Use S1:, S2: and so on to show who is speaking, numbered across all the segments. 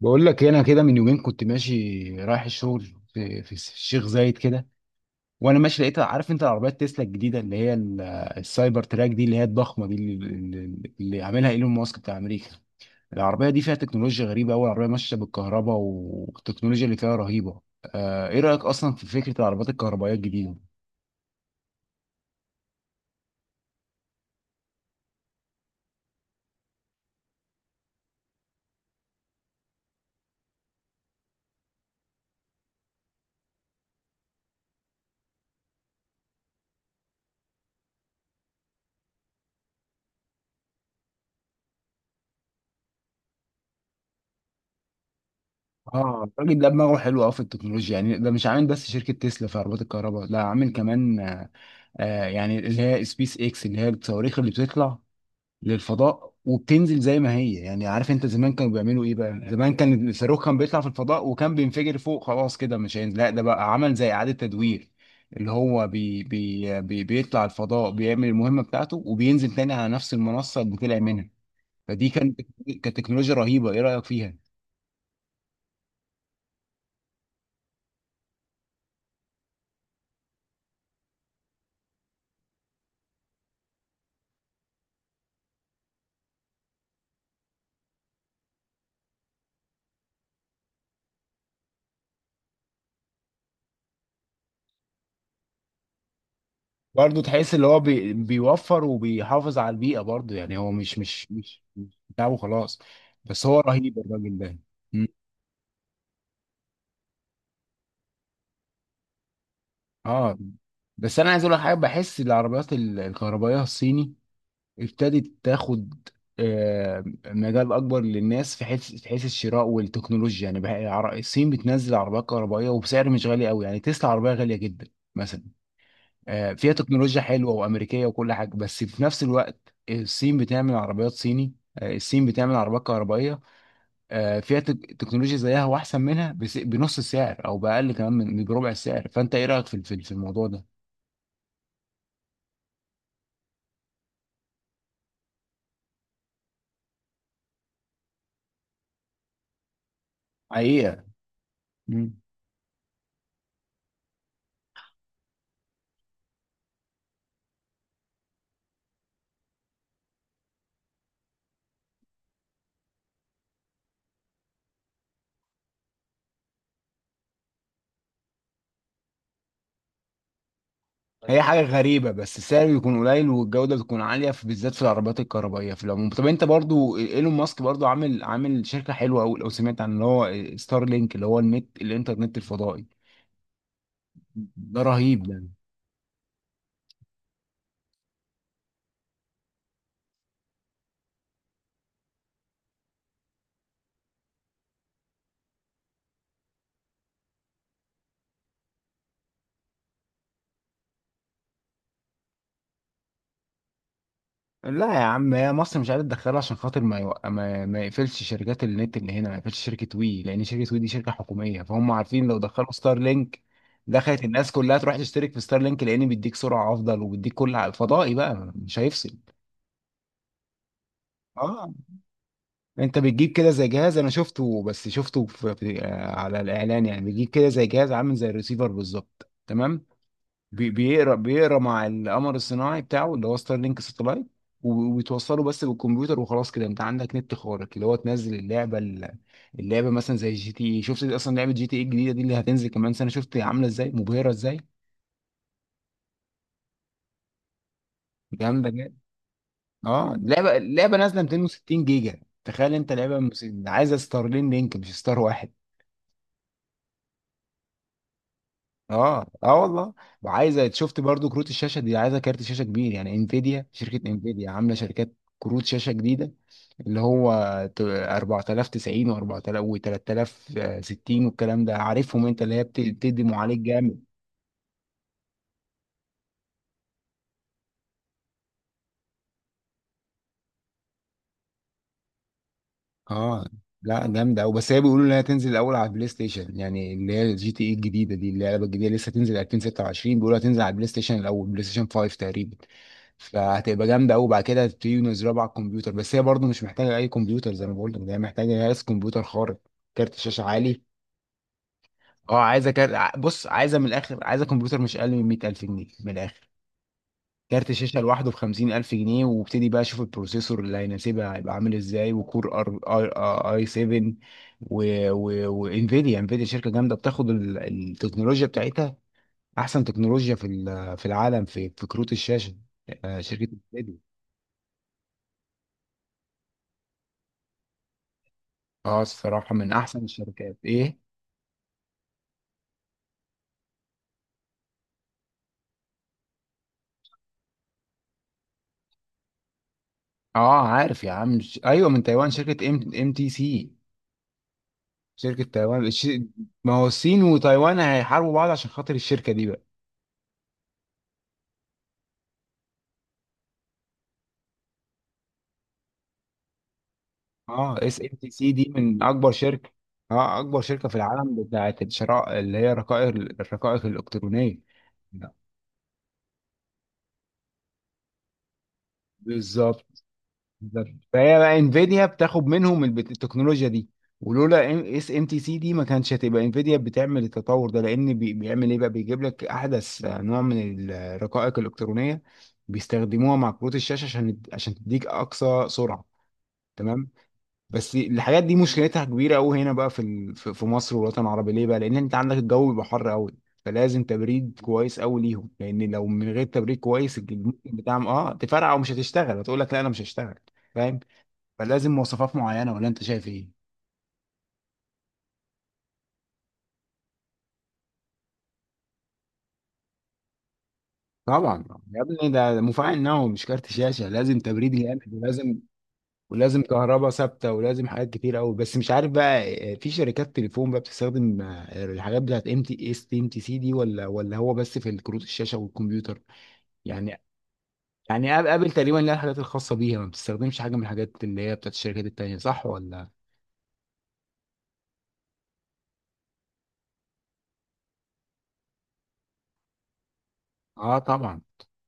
S1: بقول لك إيه، انا كده من يومين كنت ماشي رايح الشغل في الشيخ زايد كده. وانا ماشي لقيت عارف انت العربيات تسلا الجديده اللي هي ال- السايبر تراك دي اللي هي الضخمه دي اللي عاملها ايلون ماسك بتاع امريكا. العربيه دي فيها تكنولوجيا غريبه قوي، العربيه ماشيه بالكهرباء والتكنولوجيا اللي فيها رهيبه. ايه رايك اصلا في فكره العربيات الكهربائيه الجديده؟ اه الراجل ده دماغه حلو قوي في التكنولوجيا، يعني ده مش عامل بس شركه تسلا في عربيات الكهرباء، لا عامل كمان يعني اللي هي سبيس اكس اللي هي الصواريخ اللي بتطلع للفضاء وبتنزل زي ما هي. يعني عارف انت زمان كانوا بيعملوا ايه بقى، زمان كان الصاروخ كان بيطلع في الفضاء وكان بينفجر فوق، خلاص كده مش هينزل، لا ده بقى عمل زي إعادة تدوير اللي هو بي بي بي بيطلع الفضاء، بيعمل المهمة بتاعته وبينزل تاني على نفس المنصة اللي طلع منها. فدي كانت كانت تكنولوجيا رهيبة، ايه رأيك فيها؟ برضه تحس اللي هو بيوفر وبيحافظ على البيئة برضه، يعني هو مش بتاعه خلاص، بس هو رهيب الراجل ده. اه بس انا عايز اقول لك حاجه، بحس العربيات ال- الكهربائيه الصيني ابتدت تاخد مجال اكبر للناس في حيث الشراء والتكنولوجيا، يعني بقى العر- الصين بتنزل عربيات كهربائيه وبسعر مش غالي قوي، يعني تسلا عربيه غاليه جدا مثلا، فيها تكنولوجيا حلوه وامريكيه وكل حاجه، بس في نفس الوقت الصين بتعمل عربيات صيني، الصين بتعمل عربيات كهربائيه، فيها تك- تكنولوجيا زيها واحسن منها، بس- بنص السعر او باقل كمان من بربع السعر. فانت ايه رايك في الموضوع ده؟ حقيقة. مم. هي فاهم حاجة غريبة، بس السعر بيكون قليل والجودة بتكون عالية، في بالذات في العربيات الكهربائية في العموم. طب انت برضو ايلون ماسك برضو عامل شركة حلوة قوي، لو سمعت عن اللي هو ستار لينك اللي هو النت الانترنت الفضائي؟ ده رهيب ده. لا يا عم، هي مصر مش عايزة تدخله عشان خاطر ما يوق... ما... ما يقفلش شركات النت اللي هنا، ما يقفلش شركة وي، لأن شركة وي دي شركة حكومية، فهم عارفين لو دخلوا ستار لينك دخلت الناس كلها تروح تشترك في ستار لينك، لأن بيديك سرعة أفضل وبيديك كل ع- فضائي بقى مش هيفصل. اه، انت بتجيب كده زي جهاز، انا شفته بس شفته في على الاعلان يعني، بتجيب كده زي جهاز عامل زي الريسيفر بالظبط، تمام. بي- بيقرا مع القمر الصناعي بتاعه اللي هو ستار لينك ساتلايت، و- وبتوصله بس بالكمبيوتر وخلاص كده انت عندك نت خارق، اللي هو تنزل اللعبه ال- اللعبه مثلا زي جي تي اي. شفت اصلا لعبه جي تي اي الجديده دي اللي هتنزل كمان سنه؟ شفت عامله ازاي مبهره ازاي؟ جامده جدا. اه لعبه لعبه نازله 260 جيجا، تخيل انت لعبه مس- عايزه ستارلين لينك مش ستار واحد. اه اه والله. وعايزه، شفت برضو كروت الشاشه دي، عايزه كارت شاشه كبير يعني. انفيديا شركه انفيديا عامله شركات كروت شاشه جديده اللي هو ت- 4090 و4000 و3060 والكلام ده، عارفهم انت اللي هي بت- بتدي معالج. اه لا جامده قوي، بس هي بيقولوا انها تنزل الاول على البلاي ستيشن، يعني اللي هي الجي تي اي الجديده دي اللي هي اللعبه الجديده لسه تنزل 2026، بيقولوا هتنزل على البلاي ستيشن الاول بلاي ستيشن 5 تقريبا، فهتبقى جامده قوي. بعد كده هتبتدي ينزلوها على الكمبيوتر، بس هي برضه مش محتاجه اي كمبيوتر، زي ما بقول لك هي محتاجه جهاز كمبيوتر خارق، كارت شاشه عالي. اه عايزه كارت ع- بص عايزه من الاخر، عايزه كمبيوتر مش اقل من 100000 جنيه من الاخر، كارت شاشة لوحده بخمسين ألف جنيه، وابتدي بقى أشوف البروسيسور اللي هيناسبها هيبقى عامل إزاي، وكور أر أي أي 7. وإنفيديا إنفيديا شركة جامدة، بتاخد ال- التكنولوجيا بتاعتها، أحسن تكنولوجيا في ال- في العالم في في كروت الشاشة، شركة إنفيديا. أه الصراحة من أحسن الشركات. إيه؟ أه عارف يا عم، ش- أيوه من تايوان، شركة إم تي سي، شركة تايوان الش-. ما هو الصين وتايوان هيحاربوا بعض عشان خاطر الشركة دي. اه اس ام تي سي دي من اكبر شركه، اه اكبر شركه في العالم بتاعت الشراء اللي هي رقائق الرقائق الالكترونيه. بالظبط. بالظبط. فهي بقى انفيديا بتاخد منهم البت- التكنولوجيا دي، ولولا اس ام تي سي دي ما كانش هتبقى انفيديا بتعمل التطور ده، لان بي- بيعمل ايه بقى، بيجيب لك احدث نوع من الرقائق الالكترونيه، بيستخدموها مع كروت الشاشه عشان تديك اقصى سرعه. تمام. بس الحاجات دي مشكلتها كبيره قوي هنا بقى في ال- في في مصر والوطن العربي، ليه بقى؟ لان انت عندك الجو بيبقى حر قوي، فلازم تبريد كويس قوي ليهم، لان لو من غير تبريد كويس الممكن بتاعهم اه تفرقع ومش هتشتغل، هتقول لك لا انا مش هشتغل، فاهم؟ فلازم مواصفات معينه، ولا انت شايف ايه؟ طبعا. يا ابني ده مفاعل نووي مش كارت شاشه، لازم تبريد جامد، ولازم ولازم كهرباء ثابته، ولازم حاجات كتير قوي. بس مش عارف بقى في شركات تليفون بقى بتستخدم الحاجات بتاعت ام تي اس ام تي سي دي، ولا هو بس في الكروت الشاشه والكمبيوتر؟ يعني يعني آب- ابل تقريبا لها الحاجات الخاصه بيها، ما بتستخدمش حاجه من الحاجات اللي هي بتاعت الشركات التانيه، صح ولا؟ اه طبعا.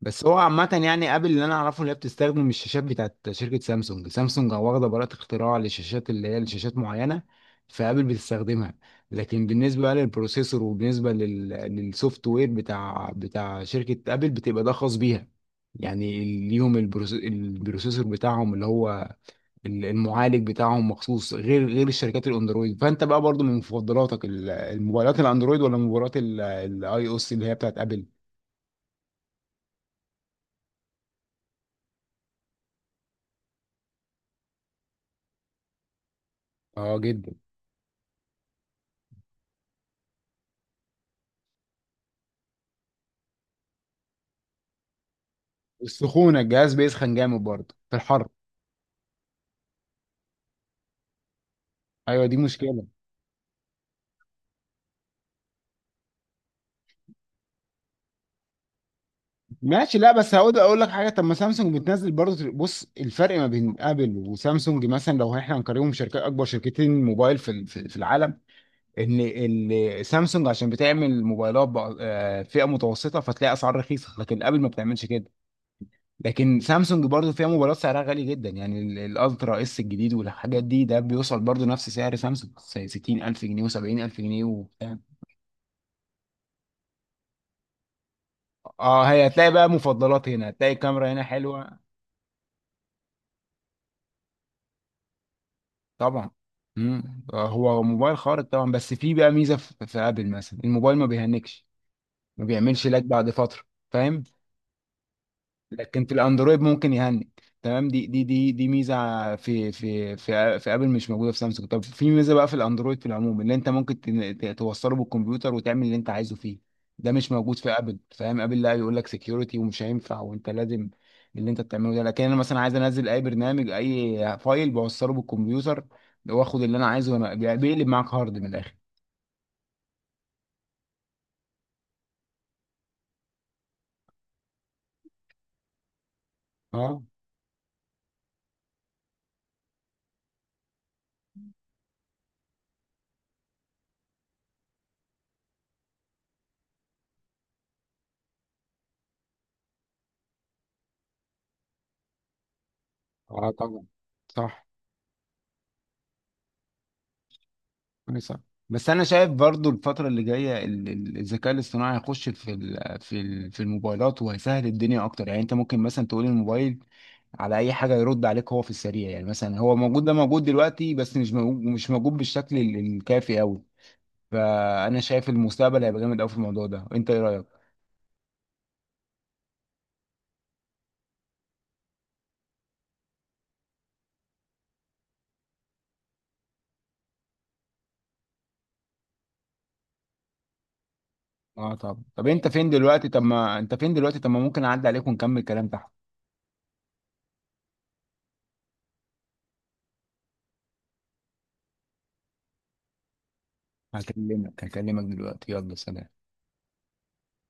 S1: بس هو عامة يعني ابل اللي انا اعرفه اللي هي بتستخدم الشاشات بتاعت شركة سامسونج، سامسونج واخدة براءة اختراع للشاشات اللي هي لشاشات معينة، فابل بتستخدمها. لكن بالنسبة بقى للبروسيسور وبالنسبة لل... للسوفت وير بتاع شركة ابل بتبقى ده خاص بيها، يعني ليهم البروس... البروسيسور بتاعهم اللي هو ال- المعالج بتاعهم مخصوص، غير الشركات الاندرويد. فانت بقى برضو من مفضلاتك ال- الموبايلات الاندرويد ولا موبايلات الاي او اس اللي هي بتاعت ابل؟ اه جدا. السخونه، الجهاز بيسخن جامد برضه في الحر. ايوه دي مشكله. ماشي، لا بس هقول اقول لك حاجه. طب ما سامسونج بتنزل برضه، بص الفرق ما بين ابل وسامسونج مثلا، لو احنا هنقارنهم شركات اكبر شركتين موبايل في ال- في في العالم، ان ال- سامسونج عشان بتعمل موبايلات بأ- فئه متوسطه، فتلاقي اسعار رخيصه، لكن ابل ما بتعملش كده. لكن سامسونج برضه فيها موبايلات سعرها غالي جدا، يعني ال- الالترا اس الجديد والحاجات دي، ده بيوصل برضه نفس سعر سامسونج 60000 جنيه و70000 جنيه. اه هي هتلاقي بقى مفضلات، هنا هتلاقي الكاميرا هنا حلوه طبعا. هو موبايل خارق طبعا، بس في بقى ميزه في في ابل مثلا، الموبايل ما بيهنكش، ما بيعملش لاج بعد فتره، فاهم؟ لكن في الاندرويد ممكن يهنج، تمام. دي ميزه في ابل مش موجوده في سامسونج. طب في ميزه بقى في الاندرويد في العموم، اللي انت ممكن تن- ت- توصله بالكمبيوتر وتعمل اللي انت عايزه فيه، ده مش موجود في ابل، فاهم؟ ابل لا، يقول لك سكيورتي ومش هينفع، وانت لازم اللي انت بتعمله ده. لكن انا مثلا عايز انزل اي برنامج، اي فايل، بوصله بالكمبيوتر واخد اللي انا عايزه، وانا بيقلب معاك هارد من الاخر. اه. اه طبعا. صح. كويس. أوي. بس انا شايف برضو الفتره اللي جايه ال- ال- الذكاء الاصطناعي هيخش في ال- في ال- في الموبايلات، وهيسهل الدنيا اكتر، يعني انت ممكن مثلا تقول الموبايل على اي حاجه يرد عليك هو في السريع، يعني مثلا هو موجود ده موجود دلوقتي بس مش موجود، مش موجود بالشكل ال- الكافي قوي. فانا شايف المستقبل هيبقى جامد قوي في الموضوع ده، انت ايه رايك؟ اه. طب انت فين دلوقتي؟ طب ما انت فين دلوقتي؟ طب ما ممكن اعدي عليك ونكمل كلام تحت. هكلمك دلوقتي، يلا سلام.